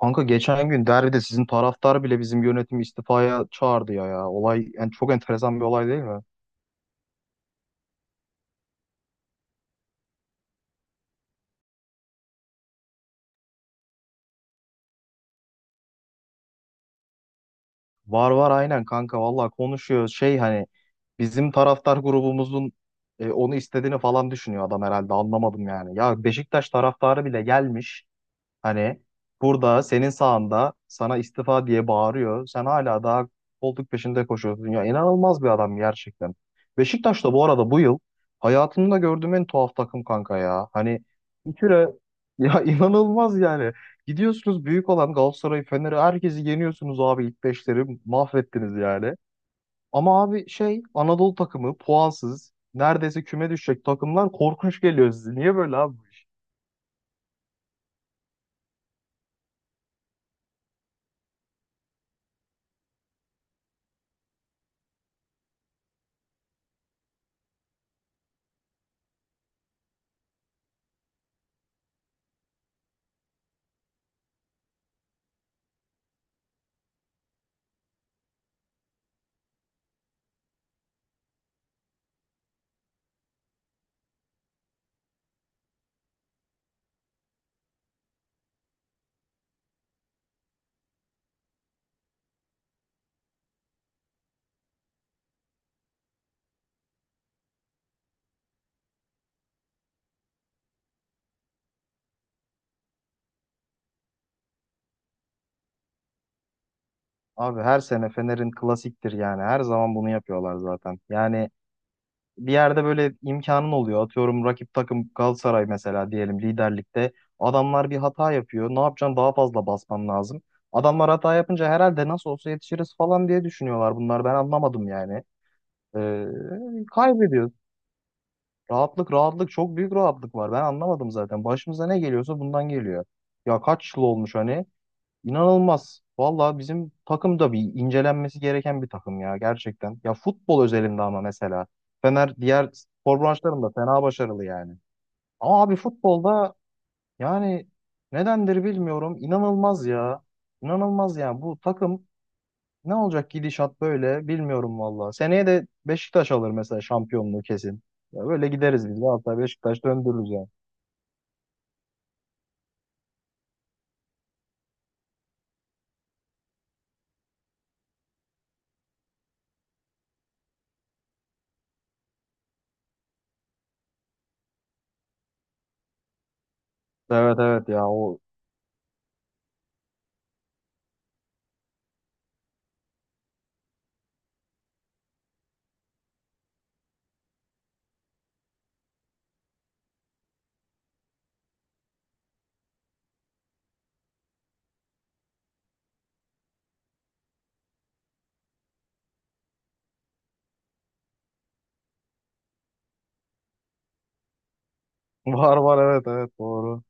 Kanka geçen gün derbide sizin taraftar bile bizim yönetimi istifaya çağırdı ya. Olay yani çok enteresan bir olay değil mi? Var var aynen kanka vallahi konuşuyor şey hani bizim taraftar grubumuzun onu istediğini falan düşünüyor adam herhalde anlamadım yani. Ya Beşiktaş taraftarı bile gelmiş hani burada senin sağında sana istifa diye bağırıyor. Sen hala daha koltuk peşinde koşuyorsun. Ya inanılmaz bir adam gerçekten. Beşiktaş da bu arada bu yıl hayatımda gördüğüm en tuhaf takım kanka ya. Hani bir kere ya inanılmaz yani. Gidiyorsunuz büyük olan Galatasaray'ı, Fener'i herkesi yeniyorsunuz abi ilk beşleri mahvettiniz yani. Ama abi şey Anadolu takımı puansız neredeyse küme düşecek takımlar korkunç geliyor size. Niye böyle abi? Abi her sene Fener'in klasiktir yani. Her zaman bunu yapıyorlar zaten. Yani bir yerde böyle imkanın oluyor. Atıyorum rakip takım Galatasaray mesela diyelim liderlikte. Adamlar bir hata yapıyor. Ne yapacaksın? Daha fazla basman lazım. Adamlar hata yapınca herhalde nasıl olsa yetişiriz falan diye düşünüyorlar bunlar. Ben anlamadım yani. Ee, kaybediyoruz. Rahatlık, çok büyük rahatlık var. Ben anlamadım zaten. Başımıza ne geliyorsa bundan geliyor. Ya kaç yıl olmuş hani? İnanılmaz. Valla bizim takım da bir incelenmesi gereken bir takım ya gerçekten. Ya futbol özelinde ama mesela. Fener diğer spor branşlarında fena başarılı yani. Ama abi futbolda yani nedendir bilmiyorum. İnanılmaz ya. İnanılmaz yani bu takım ne olacak gidişat böyle bilmiyorum valla. Seneye de Beşiktaş alır mesela şampiyonluğu kesin. Ya böyle gideriz biz. Hatta Beşiktaş döndürürüz yani. Evet evet ya o var var evet evet doğru.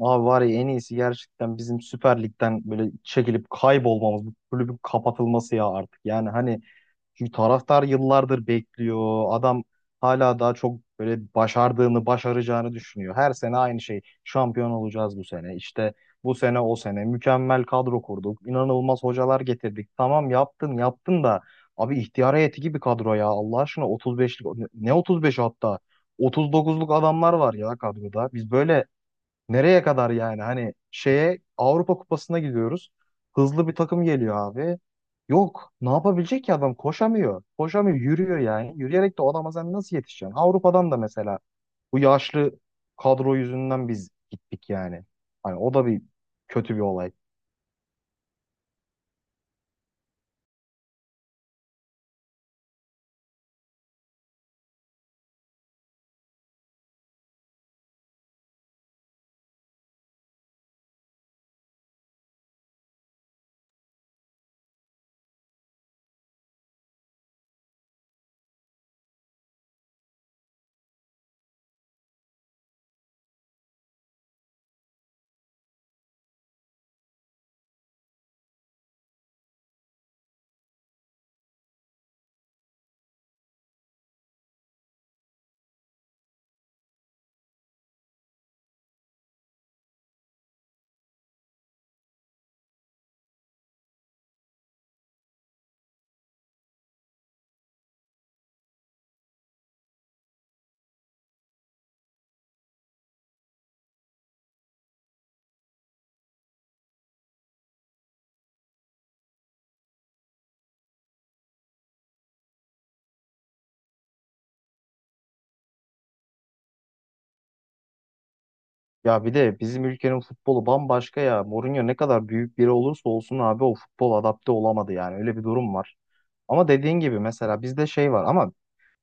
Abi var ya en iyisi gerçekten bizim Süper Lig'den böyle çekilip kaybolmamız, bu kulübün kapatılması ya artık. Yani hani çünkü taraftar yıllardır bekliyor. Adam hala daha çok böyle başardığını, başaracağını düşünüyor. Her sene aynı şey. Şampiyon olacağız bu sene. İşte bu sene o sene mükemmel kadro kurduk. İnanılmaz hocalar getirdik. Tamam yaptın, yaptın da abi ihtiyar heyeti gibi kadro ya. Allah aşkına 35'lik ne 35 hatta 39'luk adamlar var ya kadroda. Biz böyle nereye kadar yani? Hani şeye Avrupa Kupası'na gidiyoruz. Hızlı bir takım geliyor abi. Yok. Ne yapabilecek ki adam? Koşamıyor. Koşamıyor. Yürüyor yani. Yürüyerek de o adama sen nasıl yetişeceksin? Avrupa'dan da mesela bu yaşlı kadro yüzünden biz gittik yani. Hani o da bir kötü bir olay. Ya bir de bizim ülkenin futbolu bambaşka ya. Mourinho ne kadar büyük biri olursa olsun abi o futbol adapte olamadı yani. Öyle bir durum var. Ama dediğin gibi mesela bizde şey var ama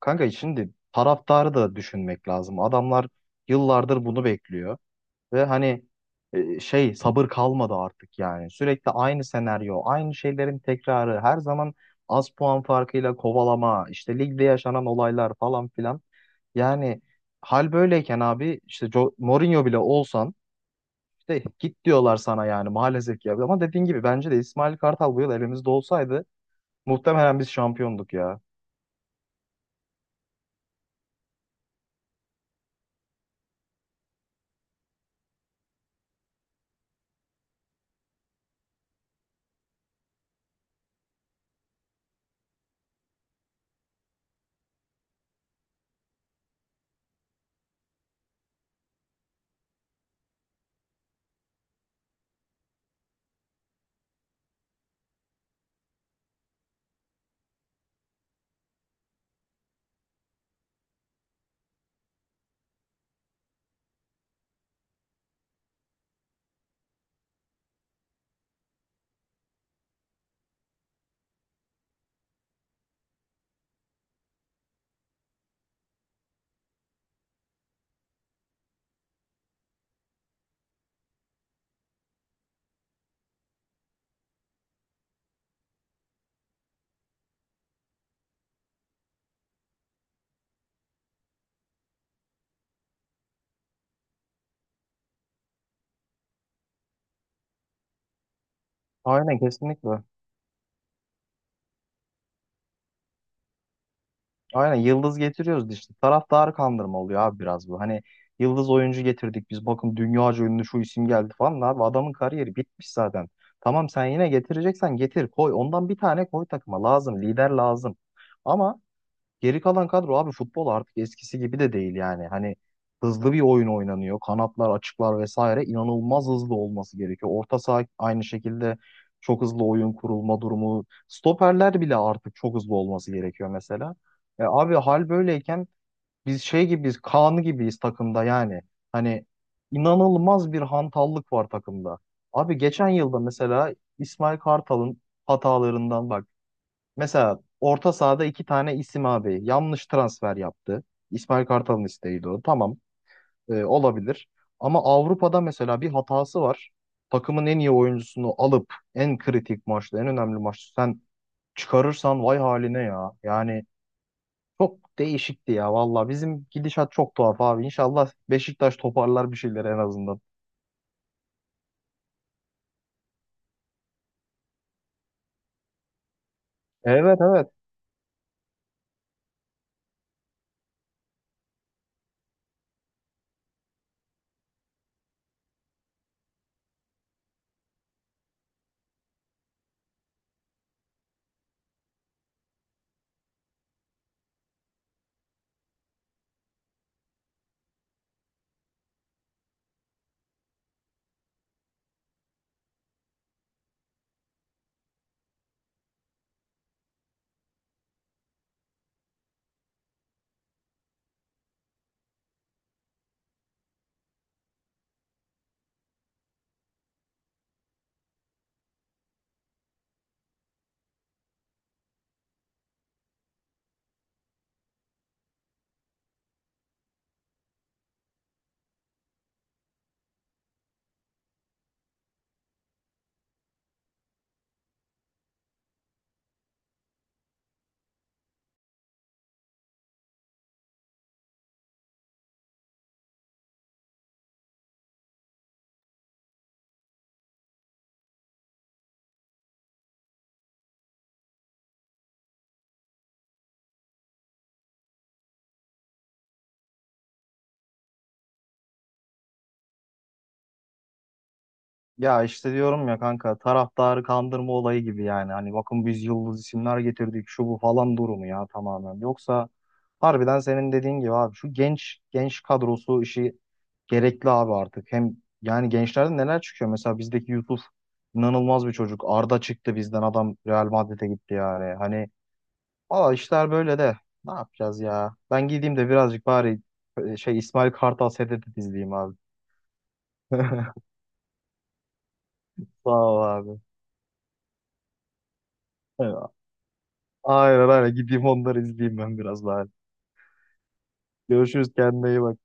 kanka şimdi taraftarı da düşünmek lazım. Adamlar yıllardır bunu bekliyor ve hani şey sabır kalmadı artık yani. Sürekli aynı senaryo, aynı şeylerin tekrarı, her zaman az puan farkıyla kovalama, işte ligde yaşanan olaylar falan filan. Yani hal böyleyken abi işte Mourinho bile olsan işte git diyorlar sana yani maalesef ki. Ama dediğin gibi bence de İsmail Kartal bu yıl elimizde olsaydı muhtemelen biz şampiyonduk ya. Aynen kesinlikle. Aynen yıldız getiriyoruz işte. Taraftarı kandırma oluyor abi biraz bu. Hani yıldız oyuncu getirdik biz bakın dünyaca ünlü şu isim geldi falan. Abi adamın kariyeri bitmiş zaten. Tamam sen yine getireceksen getir koy. Ondan bir tane koy takıma lazım. Lider lazım. Ama geri kalan kadro abi futbol artık eskisi gibi de değil yani. Hani hızlı bir oyun oynanıyor. Kanatlar, açıklar vesaire inanılmaz hızlı olması gerekiyor. Orta saha aynı şekilde çok hızlı oyun kurulma durumu. Stoperler bile artık çok hızlı olması gerekiyor mesela. E abi hal böyleyken biz şey gibiyiz, Kaan gibiyiz takımda yani. Hani inanılmaz bir hantallık var takımda. Abi geçen yılda mesela İsmail Kartal'ın hatalarından bak. Mesela orta sahada iki tane isim abi yanlış transfer yaptı. İsmail Kartal'ın isteğiydi o. Tamam olabilir. Ama Avrupa'da mesela bir hatası var. Takımın en iyi oyuncusunu alıp en kritik maçta, en önemli maçta sen çıkarırsan vay haline ya. Yani çok değişikti ya valla. Bizim gidişat çok tuhaf abi. İnşallah Beşiktaş toparlar bir şeyler en azından. Evet evet. Ya işte diyorum ya kanka taraftarı kandırma olayı gibi yani. Hani bakın biz yıldız isimler getirdik şu bu falan durumu ya tamamen. Yoksa harbiden senin dediğin gibi abi şu genç kadrosu işi gerekli abi artık. Hem yani gençlerden neler çıkıyor? Mesela bizdeki Yusuf inanılmaz bir çocuk. Arda çıktı bizden adam Real Madrid'e gitti yani. Hani valla işler böyle de ne yapacağız ya? Ben gideyim de birazcık bari İsmail Kartal sedeti izleyeyim abi. Sağ ol abi. Aynen aynen. Gideyim onları izleyeyim ben biraz daha. Görüşürüz. Kendine iyi bak.